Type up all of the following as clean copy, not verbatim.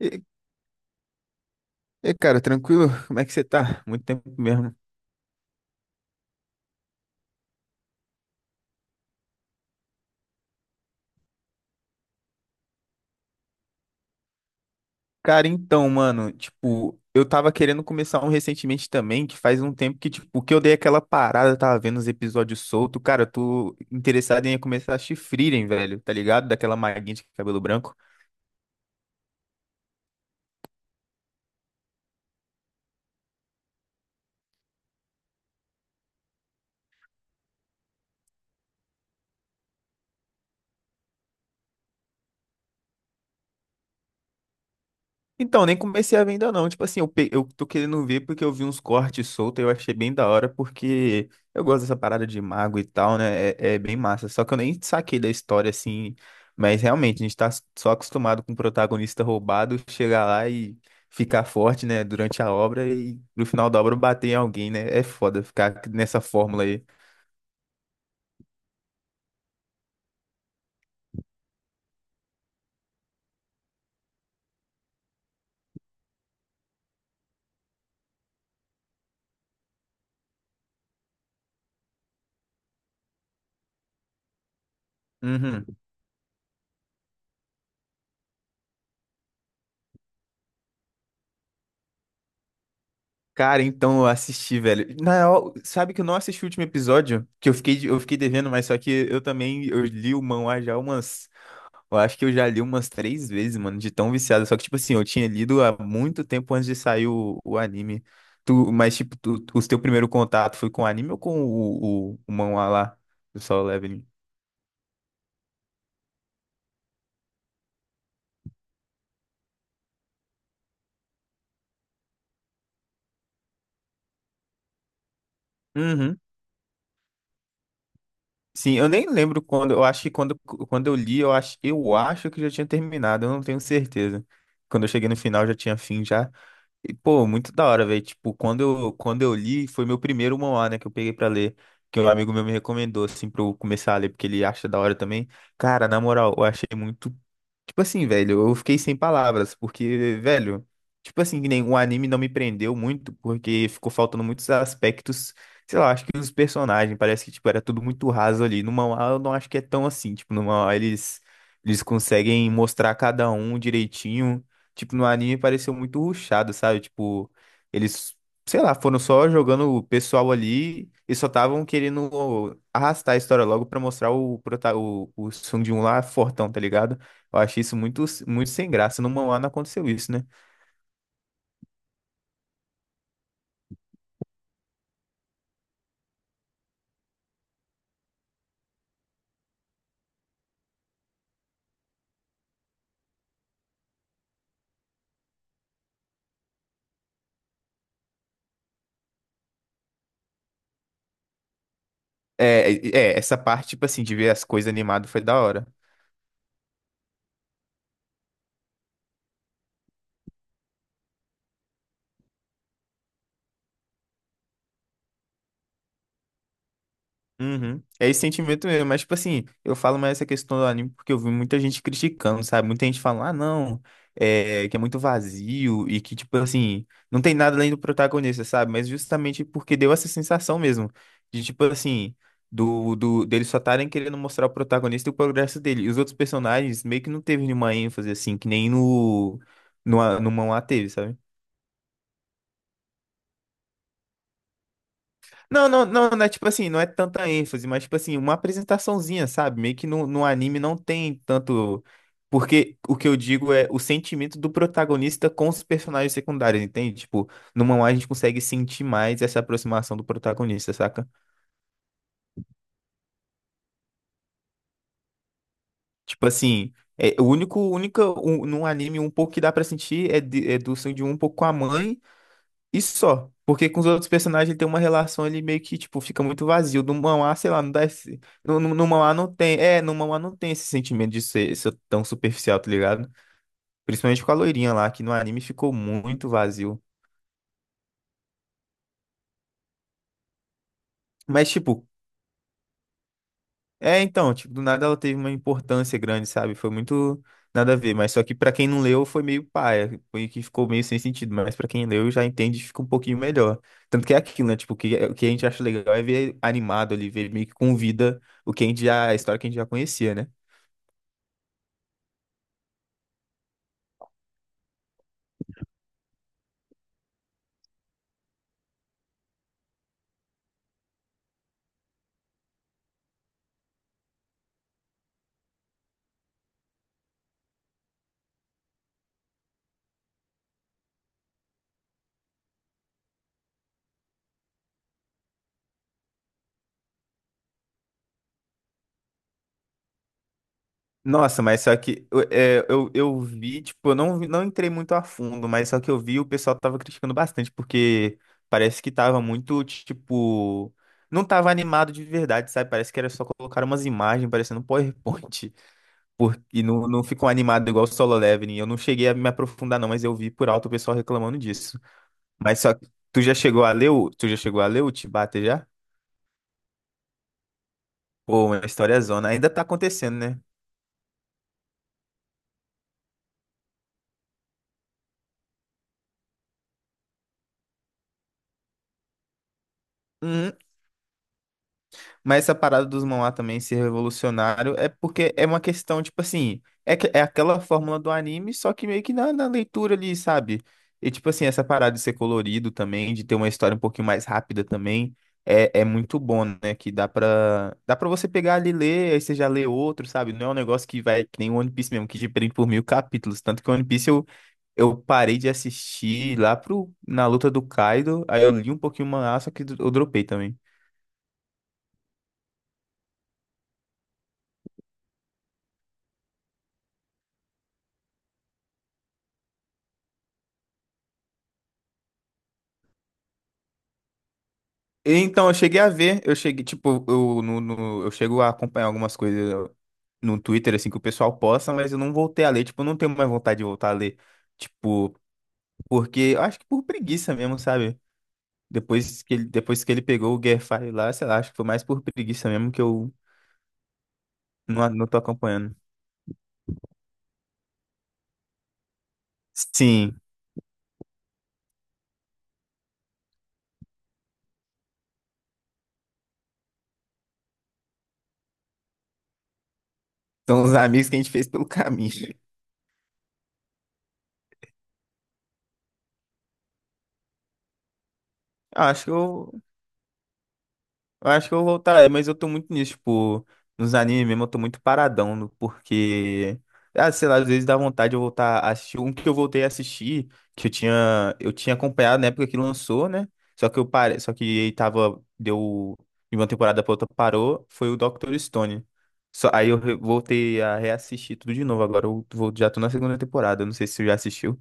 E, cara, tranquilo? Como é que você tá? Muito tempo mesmo. Cara, então, mano, tipo, eu tava querendo começar um recentemente também, que faz um tempo que, tipo, que eu dei aquela parada, tava vendo os episódios soltos. Cara, eu tô interessado em começar a assistir Frieren, velho, tá ligado? Daquela maguinha de cabelo branco. Então, nem comecei a ver ainda não. Tipo assim, eu tô querendo ver porque eu vi uns cortes soltos e eu achei bem da hora, porque eu gosto dessa parada de mago e tal, né? É bem massa. Só que eu nem saquei da história, assim. Mas realmente, a gente tá só acostumado com o protagonista roubado chegar lá e ficar forte, né? Durante a obra e no final da obra bater em alguém, né? É foda ficar nessa fórmula aí. Uhum. Cara, então eu assisti, velho. Na real, sabe que eu não assisti o último episódio? Que eu fiquei, eu fiquei devendo, mas só que eu também eu li o manhwa já umas. Eu acho que eu já li umas três vezes, mano, de tão viciado. Só que, tipo assim, eu tinha lido há muito tempo antes de sair o anime. Tu, mas, tipo, tu, tu- O teu primeiro contato foi com o anime ou com o manhwa lá do Solo Leveling? Uhum. Sim, eu nem lembro quando. Eu acho que quando, quando eu li, eu acho que já tinha terminado, eu não tenho certeza. Quando eu cheguei no final, já tinha fim já. E, pô, muito da hora, velho. Tipo, quando eu li, foi meu primeiro manhwa, né, que eu peguei pra ler, que um amigo meu me recomendou, assim, pra eu começar a ler, porque ele acha da hora também. Cara, na moral, eu achei muito. Tipo assim, velho, eu fiquei sem palavras, porque, velho, tipo assim, que nem o anime não me prendeu muito, porque ficou faltando muitos aspectos, sei lá, acho que os personagens, parece que, tipo, era tudo muito raso ali. No manhwa, eu não acho que é tão assim, tipo, no manhwa eles conseguem mostrar cada um direitinho, tipo, no anime pareceu muito rushado, sabe? Tipo, eles, sei lá, foram só jogando o pessoal ali e só estavam querendo arrastar a história logo pra mostrar o Sung Jin lá fortão, tá ligado? Eu achei isso muito sem graça. No mangá não aconteceu isso, né? Essa parte, tipo assim, de ver as coisas animadas foi da hora. Uhum. É esse sentimento mesmo, mas tipo assim, eu falo mais essa questão do anime porque eu vi muita gente criticando, sabe? Muita gente falando, ah, não, é, que é muito vazio e que, tipo assim, não tem nada além do protagonista, sabe? Mas justamente porque deu essa sensação mesmo, de tipo assim, deles só estarem querendo mostrar o protagonista e o progresso dele. E os outros personagens meio que não teve nenhuma ênfase, assim, que nem no manhwa teve, sabe? Não é tipo assim, não é tanta ênfase, mas tipo assim, uma apresentaçãozinha, sabe? Meio que no anime não tem tanto. Porque o que eu digo é o sentimento do protagonista com os personagens secundários, entende? Tipo, no mangá a gente consegue sentir mais essa aproximação do protagonista, saca? Tipo assim, é, o único, única, um, num anime um pouco que dá pra sentir é, de, é do sangue de um pouco com a mãe. E só. Porque com os outros personagens ele tem uma relação, ele meio que, tipo, fica muito vazio. No manhwa, sei lá, não dá esse... no manhwa não tem... É, no manhwa não tem esse sentimento de ser tão superficial, tá ligado? Principalmente com a loirinha lá, que no anime ficou muito vazio. Mas, tipo, é, então, tipo, do nada ela teve uma importância grande, sabe? Foi muito nada a ver, mas só que pra quem não leu foi meio paia, foi que ficou meio sem sentido, mas pra quem leu já entende, e fica um pouquinho melhor. Tanto que é aquilo, né? Tipo, o que a gente acha legal é ver animado ali, ver meio que com vida o que a gente já, a história que a gente já conhecia, né? Nossa, mas só que eu vi, tipo, eu não, não entrei muito a fundo, mas só que eu vi o pessoal tava criticando bastante, porque parece que tava muito, tipo, não tava animado de verdade, sabe? Parece que era só colocar umas imagens parecendo um PowerPoint, por, e não ficou animado igual o Solo Leveling. Eu não cheguei a me aprofundar não, mas eu vi por alto o pessoal reclamando disso. Mas só que tu já chegou a ler o Chibata já? Pô, uma história zona. Ainda tá acontecendo, né? Mas essa parada dos manhwa também ser revolucionário é porque é uma questão, tipo assim, é, que- é aquela fórmula do anime, só que meio que na leitura ali, sabe? E tipo assim, essa parada de ser colorido também, de ter uma história um pouquinho mais rápida também, é muito bom, né? Que dá pra você pegar ali e ler, aí você já lê outro, sabe? Não é um negócio que vai, que nem o One Piece mesmo, que te prende por mil capítulos. Tanto que o One Piece eu parei de assistir lá pro, na luta do Kaido, aí eu li um pouquinho o manhwa, só que eu dropei também. Então, eu cheguei a ver, eu cheguei, tipo, eu, no, no- eu chego a acompanhar algumas coisas no Twitter, assim, que o pessoal posta, mas eu não voltei a ler, tipo, eu não tenho mais vontade de voltar a ler, tipo, porque, eu acho que por preguiça mesmo, sabe? Depois que ele pegou o Guerfire lá, sei lá, acho que foi mais por preguiça mesmo que eu não, não tô acompanhando. Sim, são os amigos que a gente fez pelo caminho. Acho que eu acho que eu vou voltar, é, mas eu tô muito nisso, tipo, nos animes mesmo, eu tô muito paradão, no- porque, ah, sei lá, às vezes dá vontade de eu voltar a assistir. Um que eu voltei a assistir, que eu tinha acompanhado na época que lançou, né? Só que eu parei, só que ele tava, deu, de uma temporada pra outra parou, foi o Dr. Stone. Só, aí eu voltei a reassistir tudo de novo, agora eu vou, já tô na segunda temporada, não sei se você já assistiu.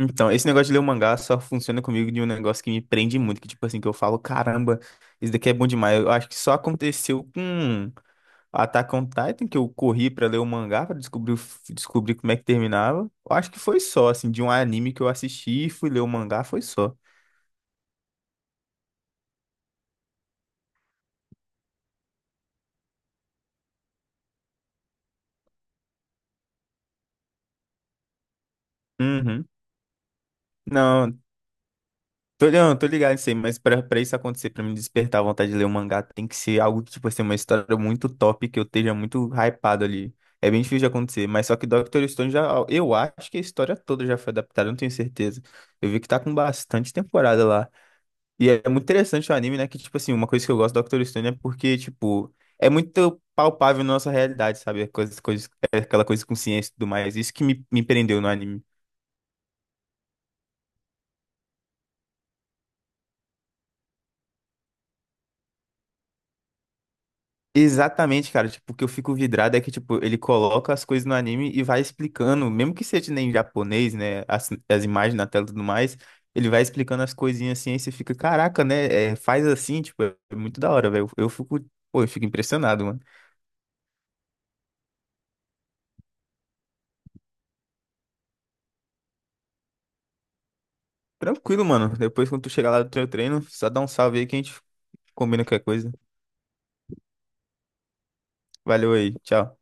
Então, esse negócio de ler o mangá só funciona comigo de um negócio que me prende muito, que tipo assim, que eu falo, caramba, isso daqui é bom demais. Eu acho que só aconteceu com Attack on Titan, que eu corri pra ler o mangá pra descobrir, descobrir como é que terminava. Eu acho que foi só, assim, de um anime que eu assisti e fui ler o mangá, foi só. Uhum. Não, tô, não, tô ligado nisso aí, mas pra isso acontecer, pra me despertar a vontade de ler um mangá, tem que ser algo que, tipo assim, uma história muito top, que eu esteja muito hypado ali. É bem difícil de acontecer, mas só que Dr. Stone já, eu acho que a história toda já foi adaptada, eu não tenho certeza. Eu vi que tá com bastante temporada lá. E é muito interessante o anime, né? Que, tipo assim, uma coisa que eu gosto do Dr. Stone é porque, tipo, é muito palpável na nossa realidade, sabe? Coisas, é aquela coisa com ciência e tudo mais. Isso que me prendeu no anime. Exatamente, cara. Tipo, o que eu fico vidrado é que, tipo, ele coloca as coisas no anime e vai explicando, mesmo que seja nem em japonês, né? As imagens na tela e tudo mais, ele vai explicando as coisinhas assim, aí você fica, caraca, né? É, faz assim, tipo, é muito da hora, velho. Eu fico, pô, eu fico impressionado, mano. Tranquilo, mano. Depois, quando tu chegar lá do teu treino, só dá um salve aí que a gente combina qualquer coisa. Valeu aí, tchau.